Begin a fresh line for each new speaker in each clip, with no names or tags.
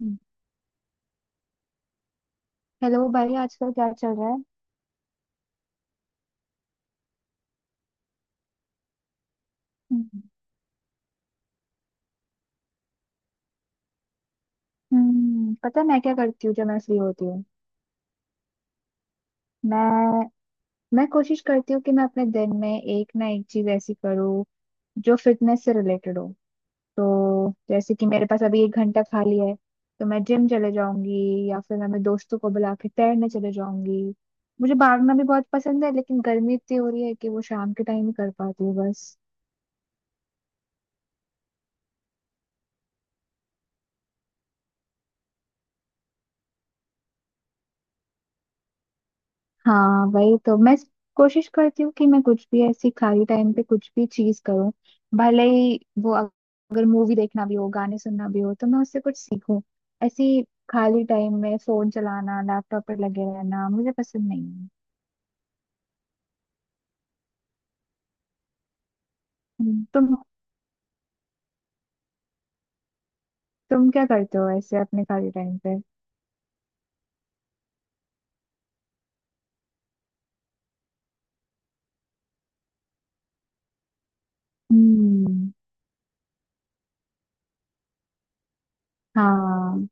हम्म, hello भाई आजकल क्या चल रहा है। हम्म। पता है मैं क्या करती हूँ जब मैं फ्री होती हूँ। मैं मैं कोशिश करती हूँ कि मैं अपने दिन में एक ना एक चीज ऐसी करूँ जो फिटनेस से रिलेटेड हो। तो जैसे कि मेरे पास अभी एक घंटा खाली है तो मैं जिम चले जाऊंगी या फिर मैं अपने दोस्तों को बुला के तैरने चले जाऊंगी। मुझे भागना भी बहुत पसंद है लेकिन गर्मी इतनी हो रही है कि वो शाम के टाइम ही कर पाती हूँ बस। हाँ, वही तो मैं कोशिश करती हूँ कि मैं कुछ भी ऐसी खाली टाइम पे कुछ भी चीज करूँ। भले ही वो अगर मूवी देखना भी हो, गाने सुनना भी हो तो मैं उससे कुछ सीखूं ऐसी। खाली टाइम में फोन चलाना, लैपटॉप पर लगे रहना मुझे पसंद नहीं है। हम्म, तुम तुम क्या करते हो ऐसे अपने खाली टाइम पे। हम्म। हाँ।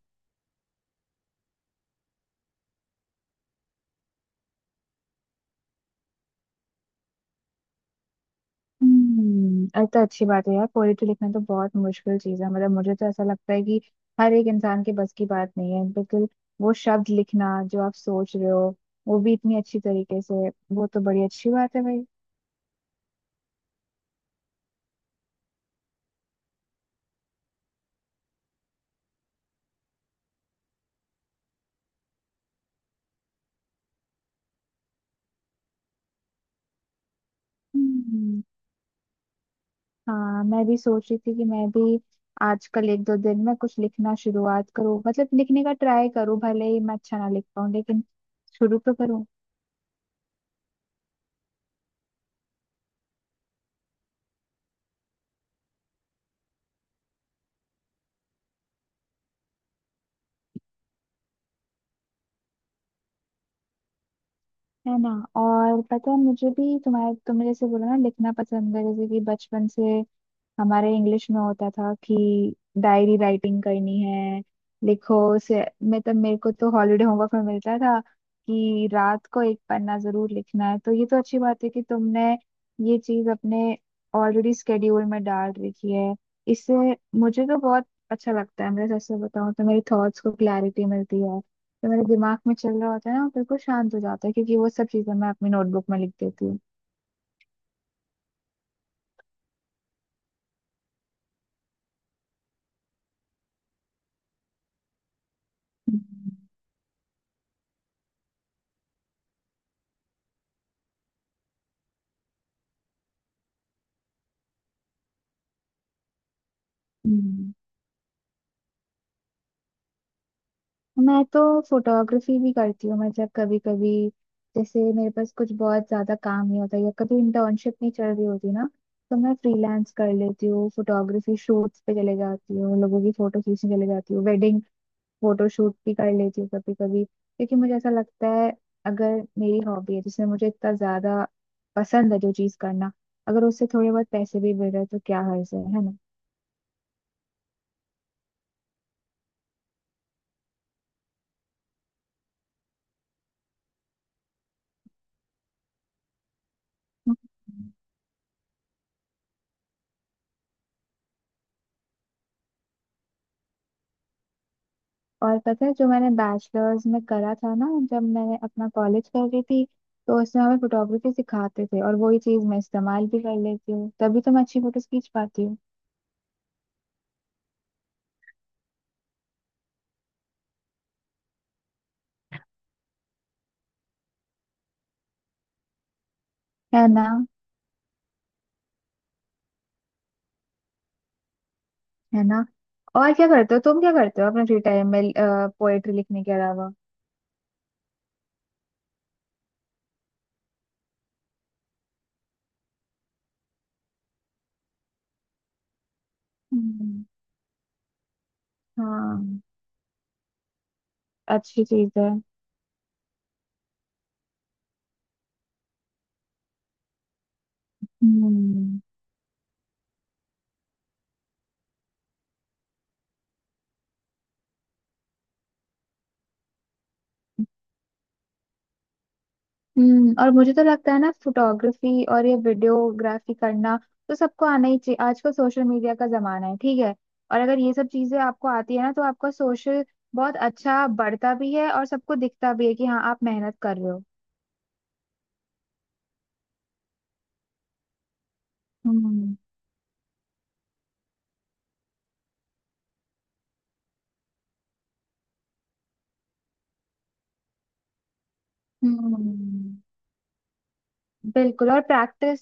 हम्म, अरे तो अच्छी बात है यार, पोएट्री लिखना तो बहुत मुश्किल चीज है। मतलब मुझे तो ऐसा लगता है कि हर एक इंसान के बस की बात नहीं है बिल्कुल। वो शब्द लिखना जो आप सोच रहे हो, वो भी इतनी अच्छी तरीके से, वो तो बड़ी अच्छी बात है भाई। हम्म। हाँ, मैं भी सोच रही थी कि मैं भी आजकल एक दो दिन में कुछ लिखना शुरुआत करूँ, मतलब लिखने का ट्राई करूँ भले ही मैं अच्छा ना लिख पाऊँ लेकिन शुरू तो करूँ। है ना। और पता है मुझे भी तुम्हारे, तुमने जैसे बोला ना लिखना पसंद है, जैसे कि बचपन से हमारे इंग्लिश में होता था कि डायरी राइटिंग करनी है, लिखो से, मतलब मेरे को तो हॉलीडे होमवर्क में मिलता था कि रात को एक पन्ना जरूर लिखना है। तो ये तो अच्छी बात है कि तुमने ये चीज अपने ऑलरेडी स्केड्यूल में डाल रखी है। इससे मुझे तो बहुत अच्छा लगता है, मैं सच से बताऊं तो मेरी थॉट्स को क्लैरिटी मिलती है। तो मेरे दिमाग में चल रहा होता है ना, वो बिल्कुल शांत हो जाता है क्योंकि वो सब चीजें मैं अपनी नोटबुक में लिख देती हूँ। हम्म। मैं तो फोटोग्राफी भी करती हूँ, मतलब कभी कभी। जैसे मेरे पास कुछ बहुत ज्यादा काम नहीं होता या कभी इंटर्नशिप नहीं चल रही होती ना, तो मैं फ्रीलांस कर लेती हूँ, फोटोग्राफी शूट्स पे चले जाती हूँ, लोगों की फोटो खींचने चले जाती हूँ, वेडिंग फोटो शूट भी कर लेती हूँ कभी कभी, क्योंकि मुझे ऐसा लगता है अगर मेरी हॉबी है जिसमें मुझे इतना ज्यादा पसंद है जो चीज करना, अगर उससे थोड़े बहुत पैसे भी मिल रहे हैं तो क्या हर्ज है। है ना। और पता है, जो मैंने बैचलर्स में करा था ना, जब मैंने अपना कॉलेज कर रही थी, तो उसमें हमें फोटोग्राफी सिखाते थे और वही चीज मैं इस्तेमाल भी कर लेती हूँ, तभी तो मैं अच्छी फोटोज खींच पाती हूँ। है ना। है ना। और क्या करते हो तुम, क्या करते हो अपने फ्री टाइम में पोएट्री लिखने के अलावा। हम्म। हाँ। अच्छी चीज है। हम्म। हम्म, और मुझे तो लगता है ना, फोटोग्राफी और ये वीडियोग्राफी करना तो सबको आना ही चाहिए। आजकल सोशल मीडिया का जमाना है, ठीक है। और अगर ये सब चीजें आपको आती है ना, तो आपका सोशल बहुत अच्छा बढ़ता भी है और सबको दिखता भी है कि हाँ, आप मेहनत कर रहे हो। हम्म। हम्म। बिल्कुल, और प्रैक्टिस।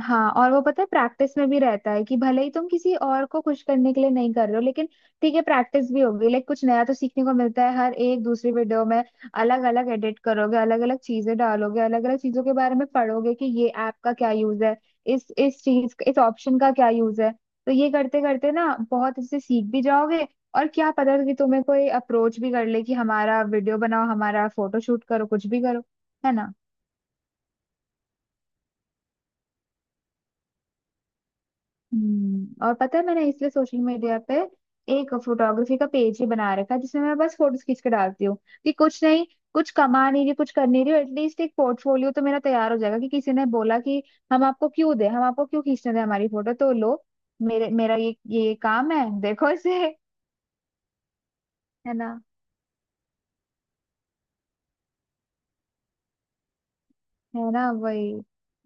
हाँ, और वो पता है प्रैक्टिस में भी रहता है कि भले ही तुम किसी और को खुश करने के लिए नहीं कर रहे हो लेकिन ठीक है, प्रैक्टिस भी होगी, लाइक कुछ नया तो सीखने को मिलता है हर एक दूसरी वीडियो में। अलग अलग एडिट करोगे, अलग अलग चीजें डालोगे, अलग अलग चीजों के बारे में पढ़ोगे कि ये ऐप का क्या यूज है, इस चीज, इस ऑप्शन का क्या यूज है। तो ये करते करते ना बहुत इससे सीख भी जाओगे। और क्या पता कि तुम्हें कोई अप्रोच भी कर ले कि हमारा वीडियो बनाओ, हमारा फोटो शूट करो, कुछ भी करो। है ना। हम्म, और पता है मैंने इसलिए सोशल मीडिया पे एक फोटोग्राफी का पेज ही बना रखा है जिसमें मैं बस फोटोज खींच के डालती हूँ। कि कुछ नहीं, कुछ कमा नहीं रही, कुछ कर नहीं रही, एटलीस्ट एक पोर्टफोलियो तो मेरा तैयार हो जाएगा कि किसी ने बोला कि हम आपको क्यों दे, हम आपको क्यों खींचने दें हमारी फोटो, तो लो, मेरे मेरा ये काम है, देखो इसे। है ना। है ना, वही।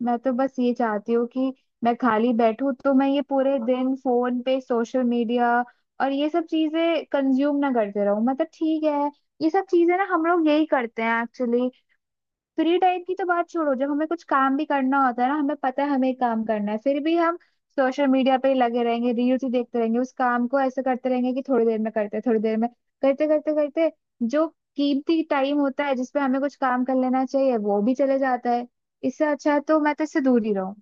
मैं तो बस ये चाहती हूँ कि मैं खाली बैठूं तो मैं ये पूरे दिन फोन पे सोशल मीडिया और ये सब चीजें कंज्यूम ना करते रहूं, मतलब ठीक है। ये सब चीजें ना हम लोग यही करते हैं एक्चुअली, फ्री टाइम की तो बात छोड़ो, जब हमें कुछ काम भी करना होता है ना, हमें पता है हमें काम करना है, फिर भी हम सोशल मीडिया पे ही लगे रहेंगे, रील्स ही देखते रहेंगे, उस काम को ऐसे करते रहेंगे कि थोड़ी देर में करते, थोड़ी देर में करते करते करते जो कीमती टाइम होता है जिसपे हमें कुछ काम कर लेना चाहिए वो भी चले जाता है। इससे अच्छा है तो मैं तो इससे दूर ही रहूं।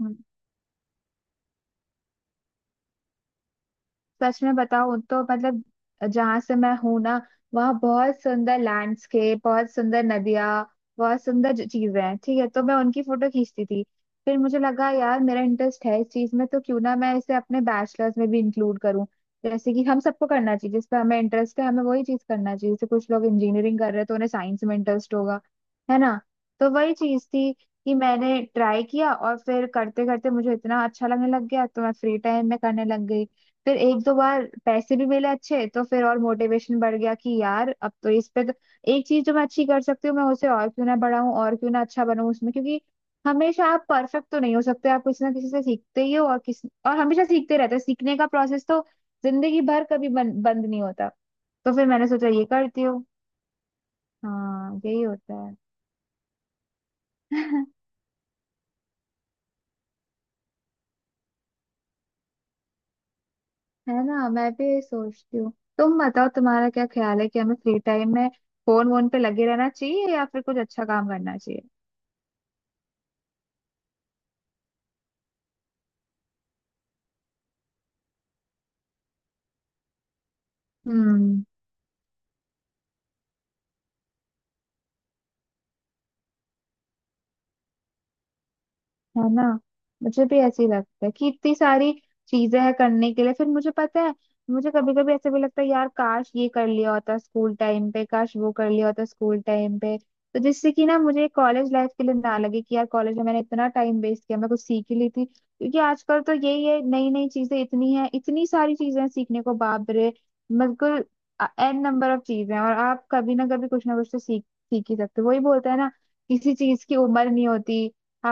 हम्म। सच में बताऊं तो मतलब जहां से मैं हूं ना, वहाँ बहुत सुंदर लैंडस्केप, बहुत सुंदर नदियाँ, बहुत सुंदर चीजें हैं, ठीक है। तो मैं उनकी फोटो खींचती थी। फिर मुझे लगा यार मेरा इंटरेस्ट है इस चीज में, तो क्यों ना मैं इसे अपने बैचलर्स में भी इंक्लूड करूँ। जैसे कि हम सबको करना चाहिए, जिस पे हमें इंटरेस्ट है हमें वही चीज करना चाहिए। जैसे कुछ लोग इंजीनियरिंग कर रहे हैं तो उन्हें साइंस में इंटरेस्ट होगा। है ना। तो वही चीज थी कि मैंने ट्राई किया, और फिर करते करते मुझे इतना अच्छा लगने लग गया तो मैं फ्री टाइम में करने लग गई। फिर एक दो बार पैसे भी मिले अच्छे, तो फिर और मोटिवेशन बढ़ गया कि यार अब तो इस पे तो एक चीज जो मैं अच्छी कर सकती हूँ मैं उसे और क्यों ना बढ़ाऊँ और क्यों ना अच्छा बनूं उसमें, क्योंकि हमेशा आप परफेक्ट तो नहीं हो सकते, आप किसी ना किसी से सीखते ही हो और किसी और हमेशा सीखते रहते हो। सीखने का प्रोसेस तो जिंदगी भर कभी बंद नहीं होता। तो फिर मैंने सोचा ये करती हूँ। हाँ यही होता है। है ना, मैं भी यही सोचती हूँ। तुम बताओ तुम्हारा क्या ख्याल है कि हमें फ्री टाइम में फोन वोन पे लगे रहना चाहिए या फिर कुछ अच्छा काम करना चाहिए। हम्म। है ना। मुझे भी ऐसे ही लगता है कि इतनी सारी चीजें हैं करने के लिए। फिर मुझे पता है, मुझे कभी कभी ऐसे भी लगता है यार काश ये कर लिया होता स्कूल टाइम पे, काश वो कर लिया होता स्कूल टाइम पे, तो जिससे कि ना मुझे कॉलेज लाइफ के लिए ना लगे कि यार कॉलेज में मैंने इतना टाइम वेस्ट किया, मैं कुछ सीख ही ली थी। क्योंकि आजकल तो यही है नई नई चीजें, इतनी है इतनी सारी चीजें हैं सीखने को, बाप रे, बिल्कुल। एन नंबर ऑफ चीजें हैं, और आप कभी ना कभी कुछ ना कुछ तो सीख सीख ही सकते हो। वही बोलते हैं ना, किसी चीज की उम्र नहीं होती,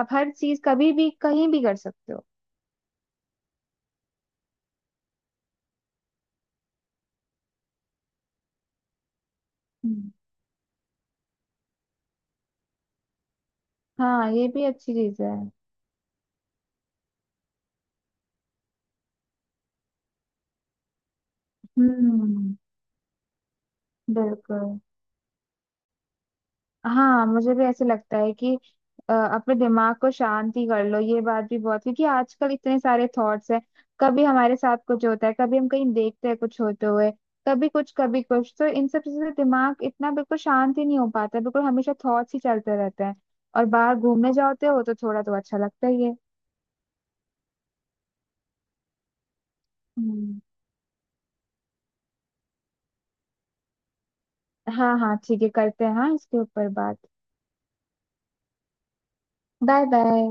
आप हर चीज कभी भी कहीं भी कर सकते हो। हम्म। हाँ, ये भी अच्छी चीज है। हम्म, बिल्कुल। हाँ मुझे भी ऐसे लगता है कि अपने दिमाग को शांति कर लो ये बात भी बहुत, क्योंकि आजकल इतने सारे थॉट्स हैं। कभी हमारे साथ कुछ होता है, कभी हम कहीं देखते हैं कुछ होते हुए, कभी कुछ कभी कुछ, तो इन सब चीजों से दिमाग इतना बिल्कुल शांत ही नहीं हो पाता है बिल्कुल, हमेशा थॉट्स ही चलते रहते हैं। और बाहर घूमने जाते हो तो थोड़ा तो अच्छा लगता ही है। हम्म। हाँ हाँ ठीक है, करते हैं, हाँ इसके ऊपर बात। Bye bye.